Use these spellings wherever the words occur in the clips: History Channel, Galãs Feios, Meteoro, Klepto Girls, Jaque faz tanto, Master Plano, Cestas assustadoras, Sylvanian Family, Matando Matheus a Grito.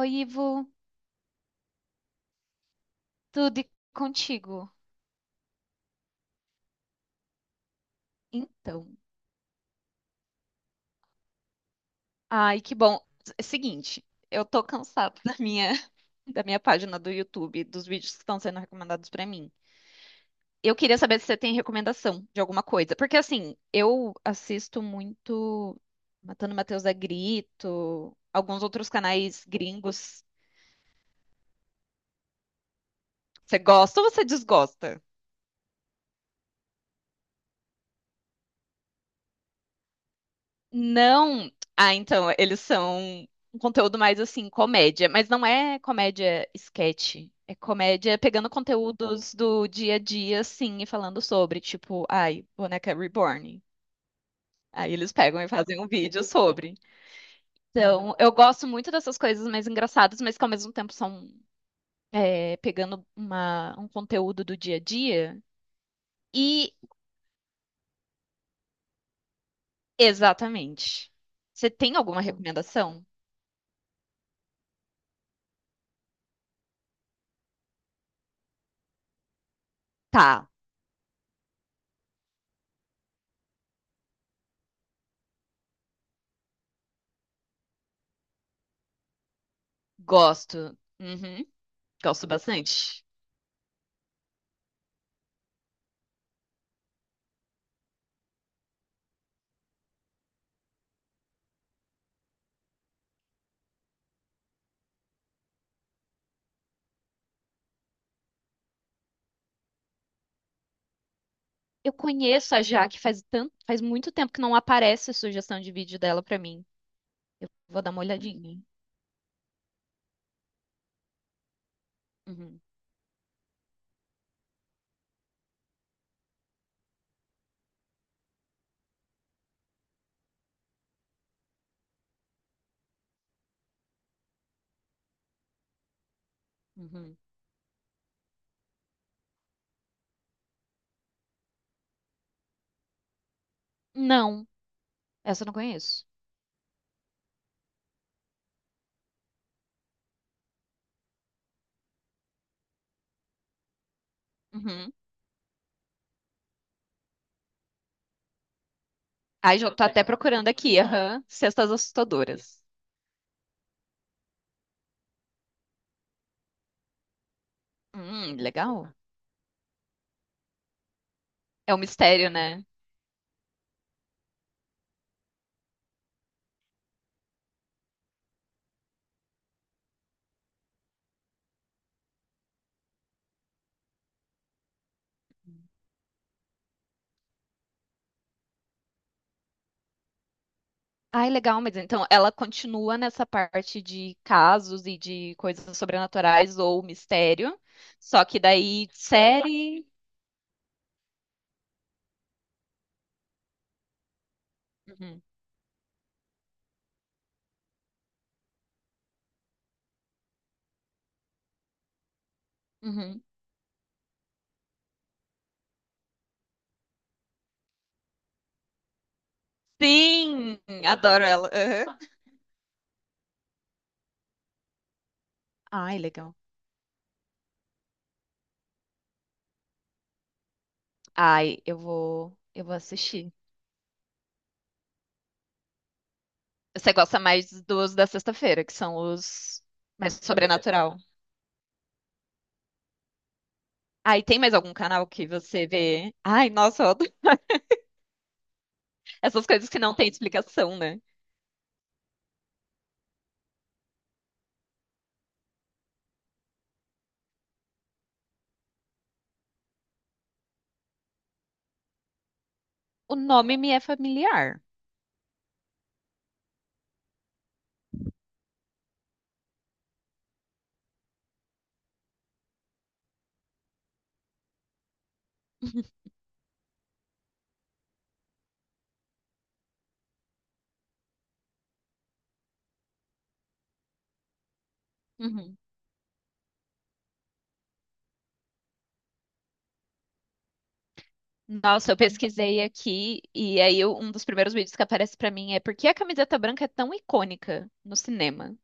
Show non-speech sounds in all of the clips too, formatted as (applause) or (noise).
Oi, Ivo, tudo e contigo? Então, ai, que bom. É seguinte, eu tô cansada da minha (laughs) da minha página do YouTube, dos vídeos que estão sendo recomendados pra mim. Eu queria saber se você tem recomendação de alguma coisa, porque assim, eu assisto muito Matando Matheus a Grito, alguns outros canais gringos. Você gosta ou você desgosta? Não. Ah, então, eles são um conteúdo mais assim, comédia, mas não é comédia sketch. É comédia pegando conteúdos do dia a dia, assim, e falando sobre, tipo, ai, boneca reborn. Aí eles pegam e fazem um vídeo sobre. Então, eu gosto muito dessas coisas mais engraçadas, mas que ao mesmo tempo são pegando um conteúdo do dia a dia. E, exatamente. Você tem alguma recomendação? Tá, gosto. Uhum. Gosto bastante. Eu conheço a Jaque faz muito tempo que não aparece sugestão de vídeo dela pra mim. Eu vou dar uma olhadinha. Uhum, uhum. Não, essa eu não conheço. Uhum. Ai, já tô até procurando aqui. Aham. Cestas assustadoras. Legal. É um mistério, né? Ai, legal, mas então ela continua nessa parte de casos e de coisas sobrenaturais ou mistério. Só que daí série. Uhum, uhum. Sim, adoro ela. Ai, legal. Ai, eu vou assistir. Você gosta mais dos da sexta-feira, que são os mais sobrenatural. Ai, tem mais algum canal que você vê? Ai, nossa, eu adoro (laughs) essas coisas que não tem explicação, né? O nome me é familiar. (laughs) Uhum. Nossa, eu pesquisei aqui e aí um dos primeiros vídeos que aparece pra mim é por que a camiseta branca é tão icônica no cinema?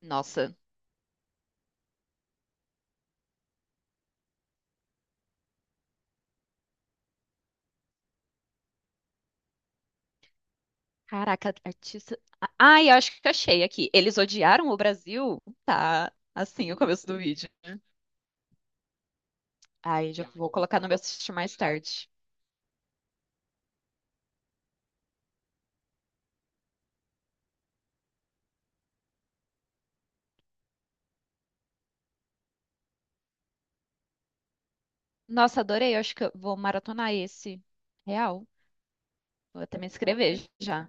Nossa. Caraca, artista. Ai, eu acho que achei aqui. Eles odiaram o Brasil? Tá, assim, o começo do vídeo. Ai, já vou colocar no meu assistir mais tarde. Nossa, adorei. Eu acho que eu vou maratonar esse. Real. Vou até me inscrever já.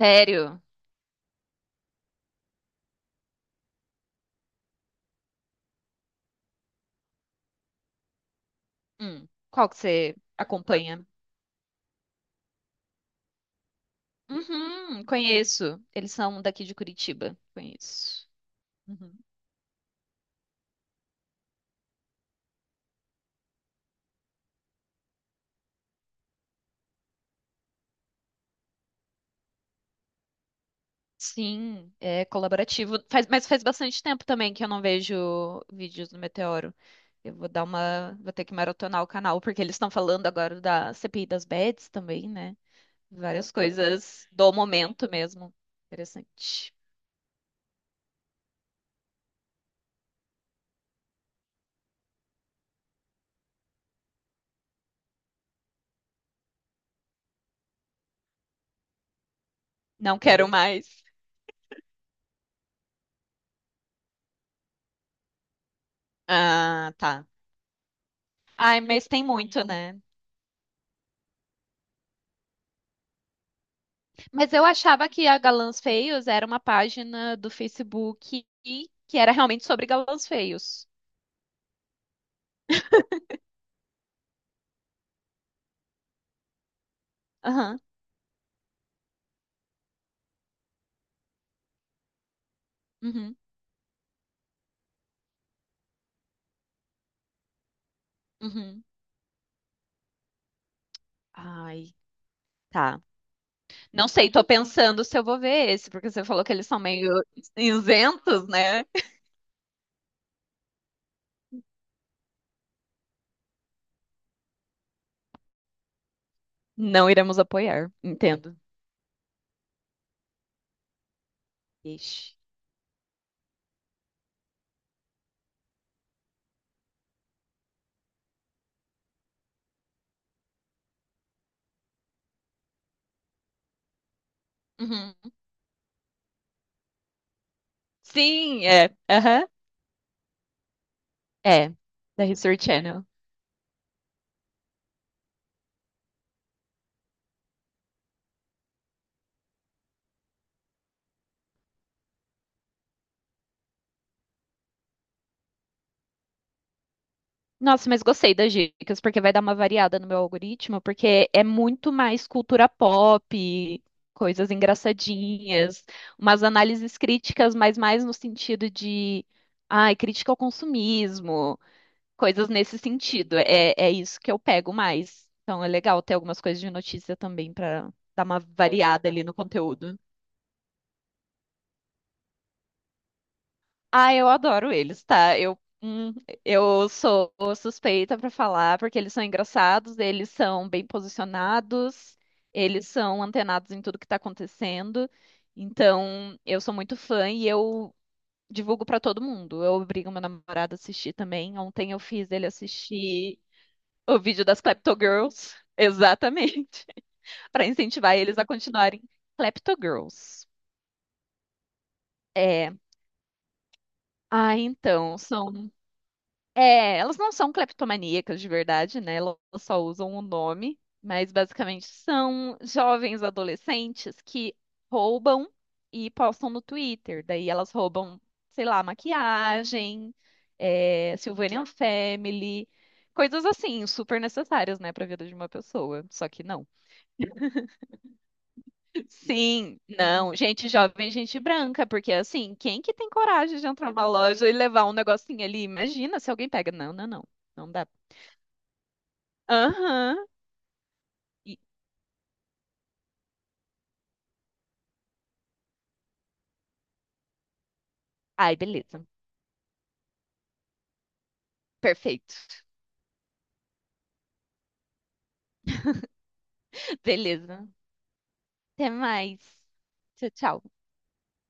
Sério? Qual que você acompanha? Uhum, conheço. Eles são daqui de Curitiba. Conheço. Uhum. Sim, é colaborativo. Faz bastante tempo também que eu não vejo vídeos do Meteoro. Eu vou dar uma, vou ter que maratonar o canal, porque eles estão falando agora da CPI das Bets também, né? Várias coisas do momento mesmo. Interessante. Não quero mais. Ah, tá. Ai, mas tem muito, né? Mas eu achava que a Galãs Feios era uma página do Facebook e que era realmente sobre galãs feios. Aham. Uhum. Uhum. Ai, tá. Não sei, tô pensando se eu vou ver esse, porque você falou que eles são meio isentos, né? Não iremos apoiar, entendo. Ixi. Uhum. Sim, é. Aham. É, da History Channel. Nossa, mas gostei das dicas, porque vai dar uma variada no meu algoritmo, porque é muito mais cultura pop, coisas engraçadinhas, umas análises críticas, mas mais no sentido de, ai, crítica ao consumismo. Coisas nesse sentido. É isso que eu pego mais. Então é legal ter algumas coisas de notícia também para dar uma variada ali no conteúdo. Ah, eu adoro eles, tá? Eu sou suspeita para falar porque eles são engraçados, eles são bem posicionados, eles são antenados em tudo que tá acontecendo. Então, eu sou muito fã e eu divulgo para todo mundo. Eu obrigo meu namorado a assistir também. Ontem eu fiz ele assistir o vídeo das Klepto Girls, exatamente, (laughs) para incentivar eles a continuarem Klepto Girls. É. Ah, então, são. É, elas não são cleptomaníacas de verdade, né? Elas só usam o nome, mas basicamente são jovens adolescentes que roubam e postam no Twitter. Daí elas roubam, sei lá, maquiagem, Sylvanian Family, coisas assim, super necessárias, né, para a vida de uma pessoa. Só que não. Sim, não, gente jovem, gente branca, porque assim, quem que tem coragem de entrar numa loja e levar um negocinho ali? Imagina se alguém pega. Não, não, não, não dá. Aham. E- Ai, beleza. Perfeito. (laughs) Beleza. Até mais. Tchau, tchau.